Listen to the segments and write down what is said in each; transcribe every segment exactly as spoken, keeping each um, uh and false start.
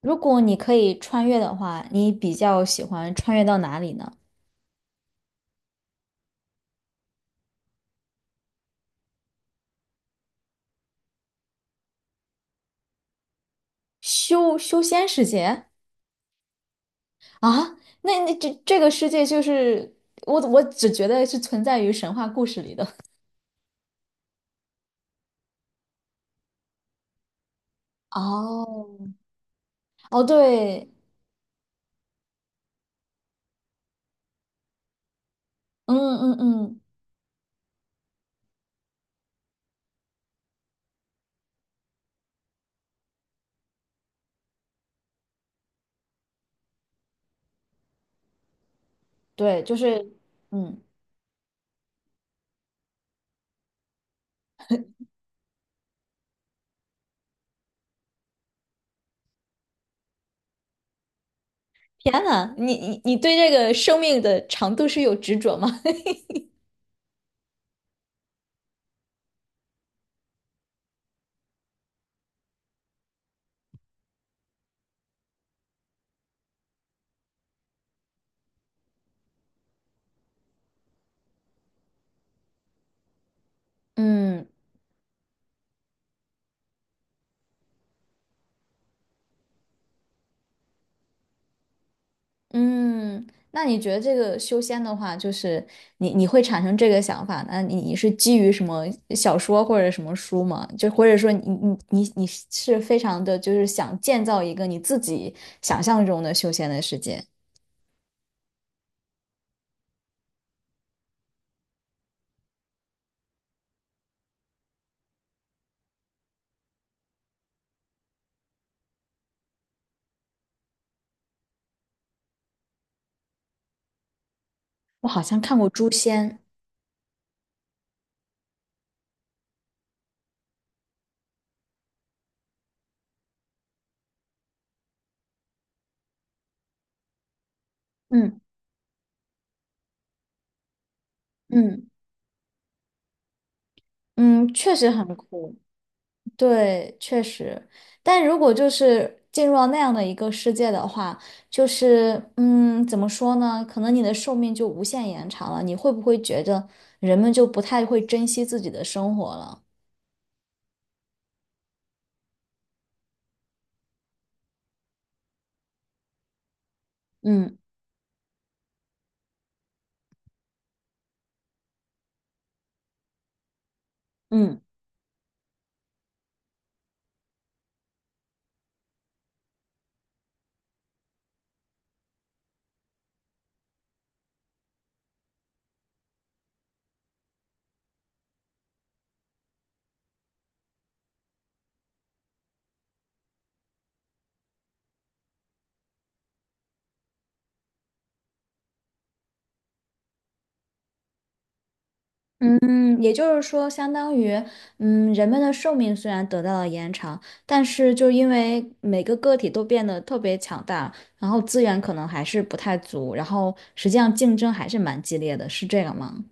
如果你可以穿越的话，你比较喜欢穿越到哪里呢？修修仙世界啊？那那这这个世界就是我我只觉得是存在于神话故事里的。哦哦对，嗯嗯嗯，对，就是嗯，天呐，你你你对这个生命的长度是有执着吗？嗯。嗯，那你觉得这个修仙的话，就是你你会产生这个想法，那你你是基于什么小说或者什么书吗？就或者说你你你你是非常的就是想建造一个你自己想象中的修仙的世界？我好像看过《诛仙》，嗯嗯嗯，确实很酷。对，确实，但如果就是进入到那样的一个世界的话，就是嗯，怎么说呢？可能你的寿命就无限延长了。你会不会觉得人们就不太会珍惜自己的生活了？嗯嗯嗯，也就是说，相当于嗯，人们的寿命虽然得到了延长，但是就因为每个个体都变得特别强大，然后资源可能还是不太足，然后实际上竞争还是蛮激烈的，是这个吗？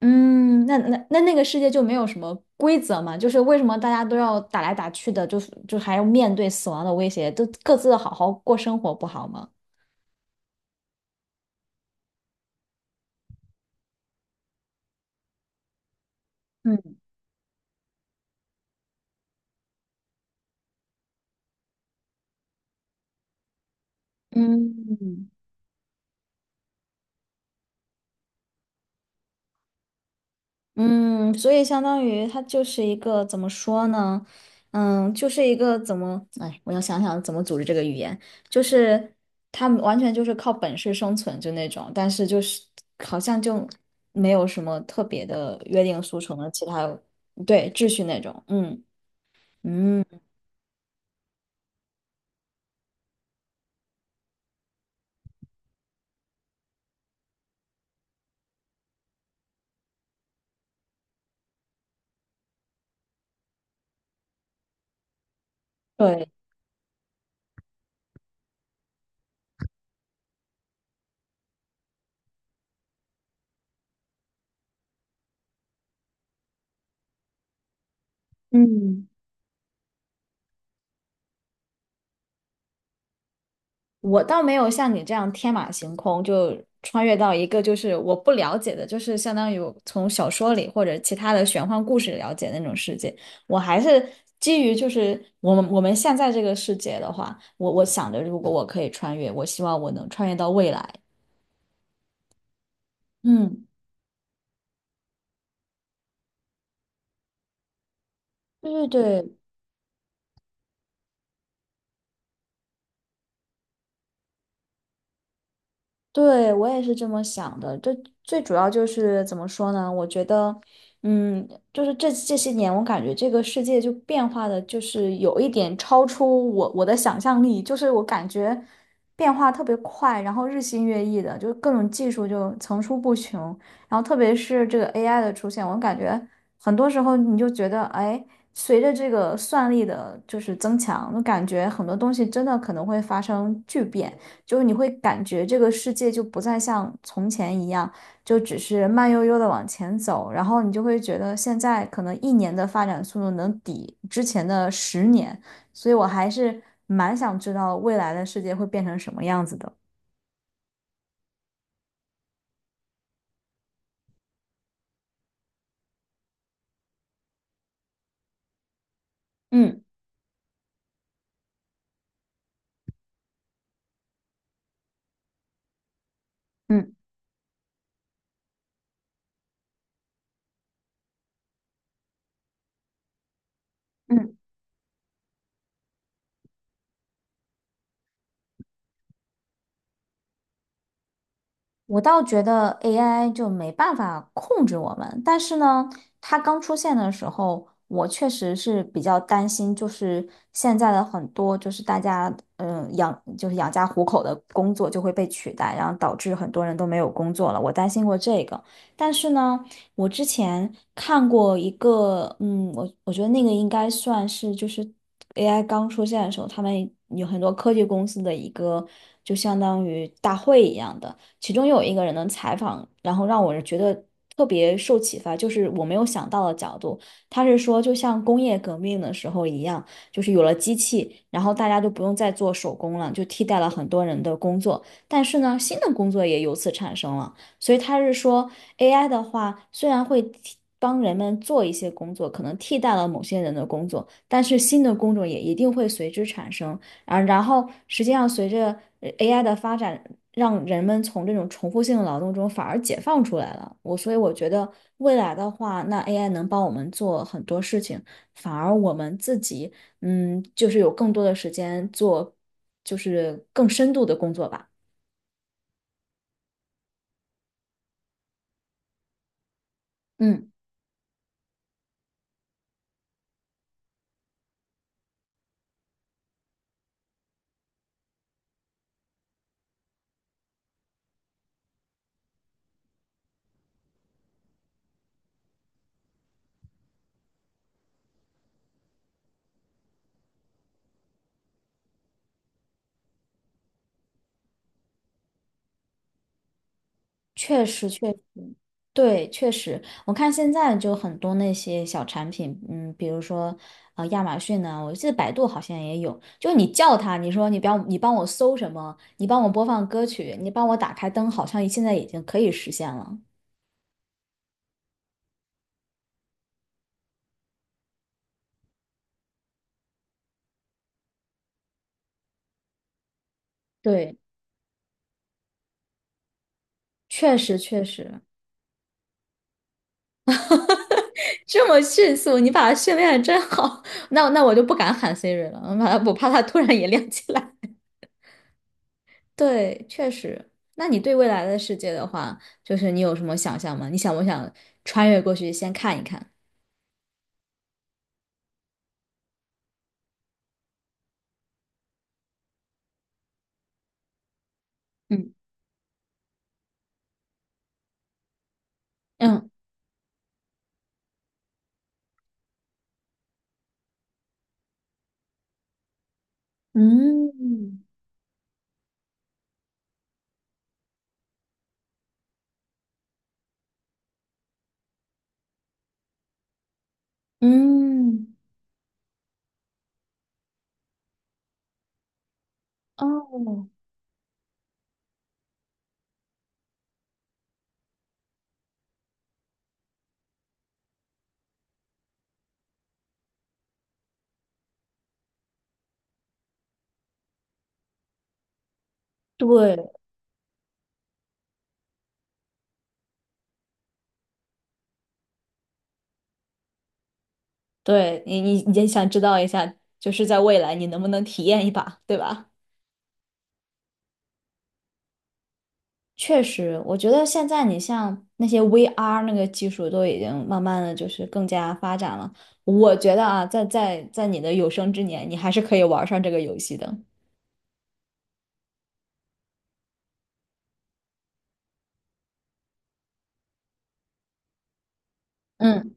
嗯，那那那那个世界就没有什么规则嘛？就是为什么大家都要打来打去的，就是就还要面对死亡的威胁，都各自好好过生活不好吗？嗯嗯嗯，所以相当于它就是一个怎么说呢？嗯，就是一个怎么，哎，我要想想怎么组织这个语言，就是他们完全就是靠本事生存就那种，但是就是好像就没有什么特别的约定俗成的其他，对，秩序那种，嗯。嗯，对，嗯我倒没有像你这样天马行空，就穿越到一个就是我不了解的，就是相当于我从小说里或者其他的玄幻故事了解那种世界。我还是基于就是我们我们现在这个世界的话，我我想着如果我可以穿越，我希望我能穿越到未来。嗯，对对对。对，我也是这么想的。这最主要就是怎么说呢？我觉得，嗯，就是这这些年，我感觉这个世界就变化的，就是有一点超出我我的想象力。就是我感觉变化特别快，然后日新月异的，就是各种技术就层出不穷。然后特别是这个 A I 的出现，我感觉很多时候你就觉得，哎，随着这个算力的就是增强，我感觉很多东西真的可能会发生巨变。就是你会感觉这个世界就不再像从前一样，就只是慢悠悠的往前走，然后你就会觉得现在可能一年的发展速度能抵之前的十年，所以我还是蛮想知道未来的世界会变成什么样子的。嗯嗯嗯。我倒觉得 A I 就没办法控制我们，但是呢，它刚出现的时候，我确实是比较担心，就是现在的很多就是大家嗯呃养就是养家糊口的工作就会被取代，然后导致很多人都没有工作了，我担心过这个。但是呢，我之前看过一个，嗯，我我觉得那个应该算是就是 A I 刚出现的时候，他们有很多科技公司的一个就相当于大会一样的。其中有一个人的采访，然后让我觉得特别受启发，就是我没有想到的角度。他是说，就像工业革命的时候一样，就是有了机器，然后大家就不用再做手工了，就替代了很多人的工作。但是呢，新的工作也由此产生了。所以他是说，A I 的话虽然会替帮人们做一些工作，可能替代了某些人的工作，但是新的工种也一定会随之产生。啊，然后实际上随着呃 A I 的发展，让人们从这种重复性的劳动中反而解放出来了。我所以我觉得未来的话，那 A I 能帮我们做很多事情，反而我们自己嗯，就是有更多的时间做，就是更深度的工作吧。嗯，确实确实。对，确实，我看现在就很多那些小产品，嗯，比如说，呃，亚马逊呢，我记得百度好像也有，就你叫它，你说你不要，你帮我搜什么，你帮我播放歌曲，你帮我打开灯，好像现在已经可以实现了。对，确实确实，这么迅速，你把它训练的真好，那那我就不敢喊 Siri 了，我怕我怕它突然也亮起来。对，确实。那你对未来的世界的话，就是你有什么想象吗？你想不想穿越过去先看一看？嗯嗯嗯嗯，哦，对对，你你你也想知道一下，就是在未来你能不能体验一把，对吧？确实，我觉得现在你像那些 V R 那个技术都已经慢慢的就是更加发展了。我觉得啊，在在在你的有生之年，你还是可以玩上这个游戏的。嗯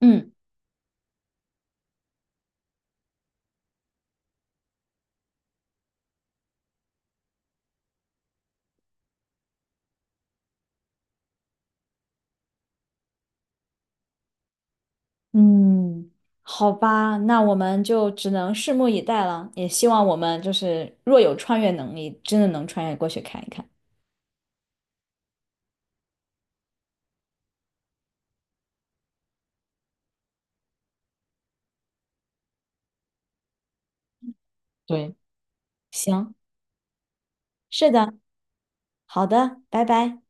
嗯。嗯，好吧，那我们就只能拭目以待了。也希望我们就是若有穿越能力，真的能穿越过去看一看。对，行，是的，好的，拜拜。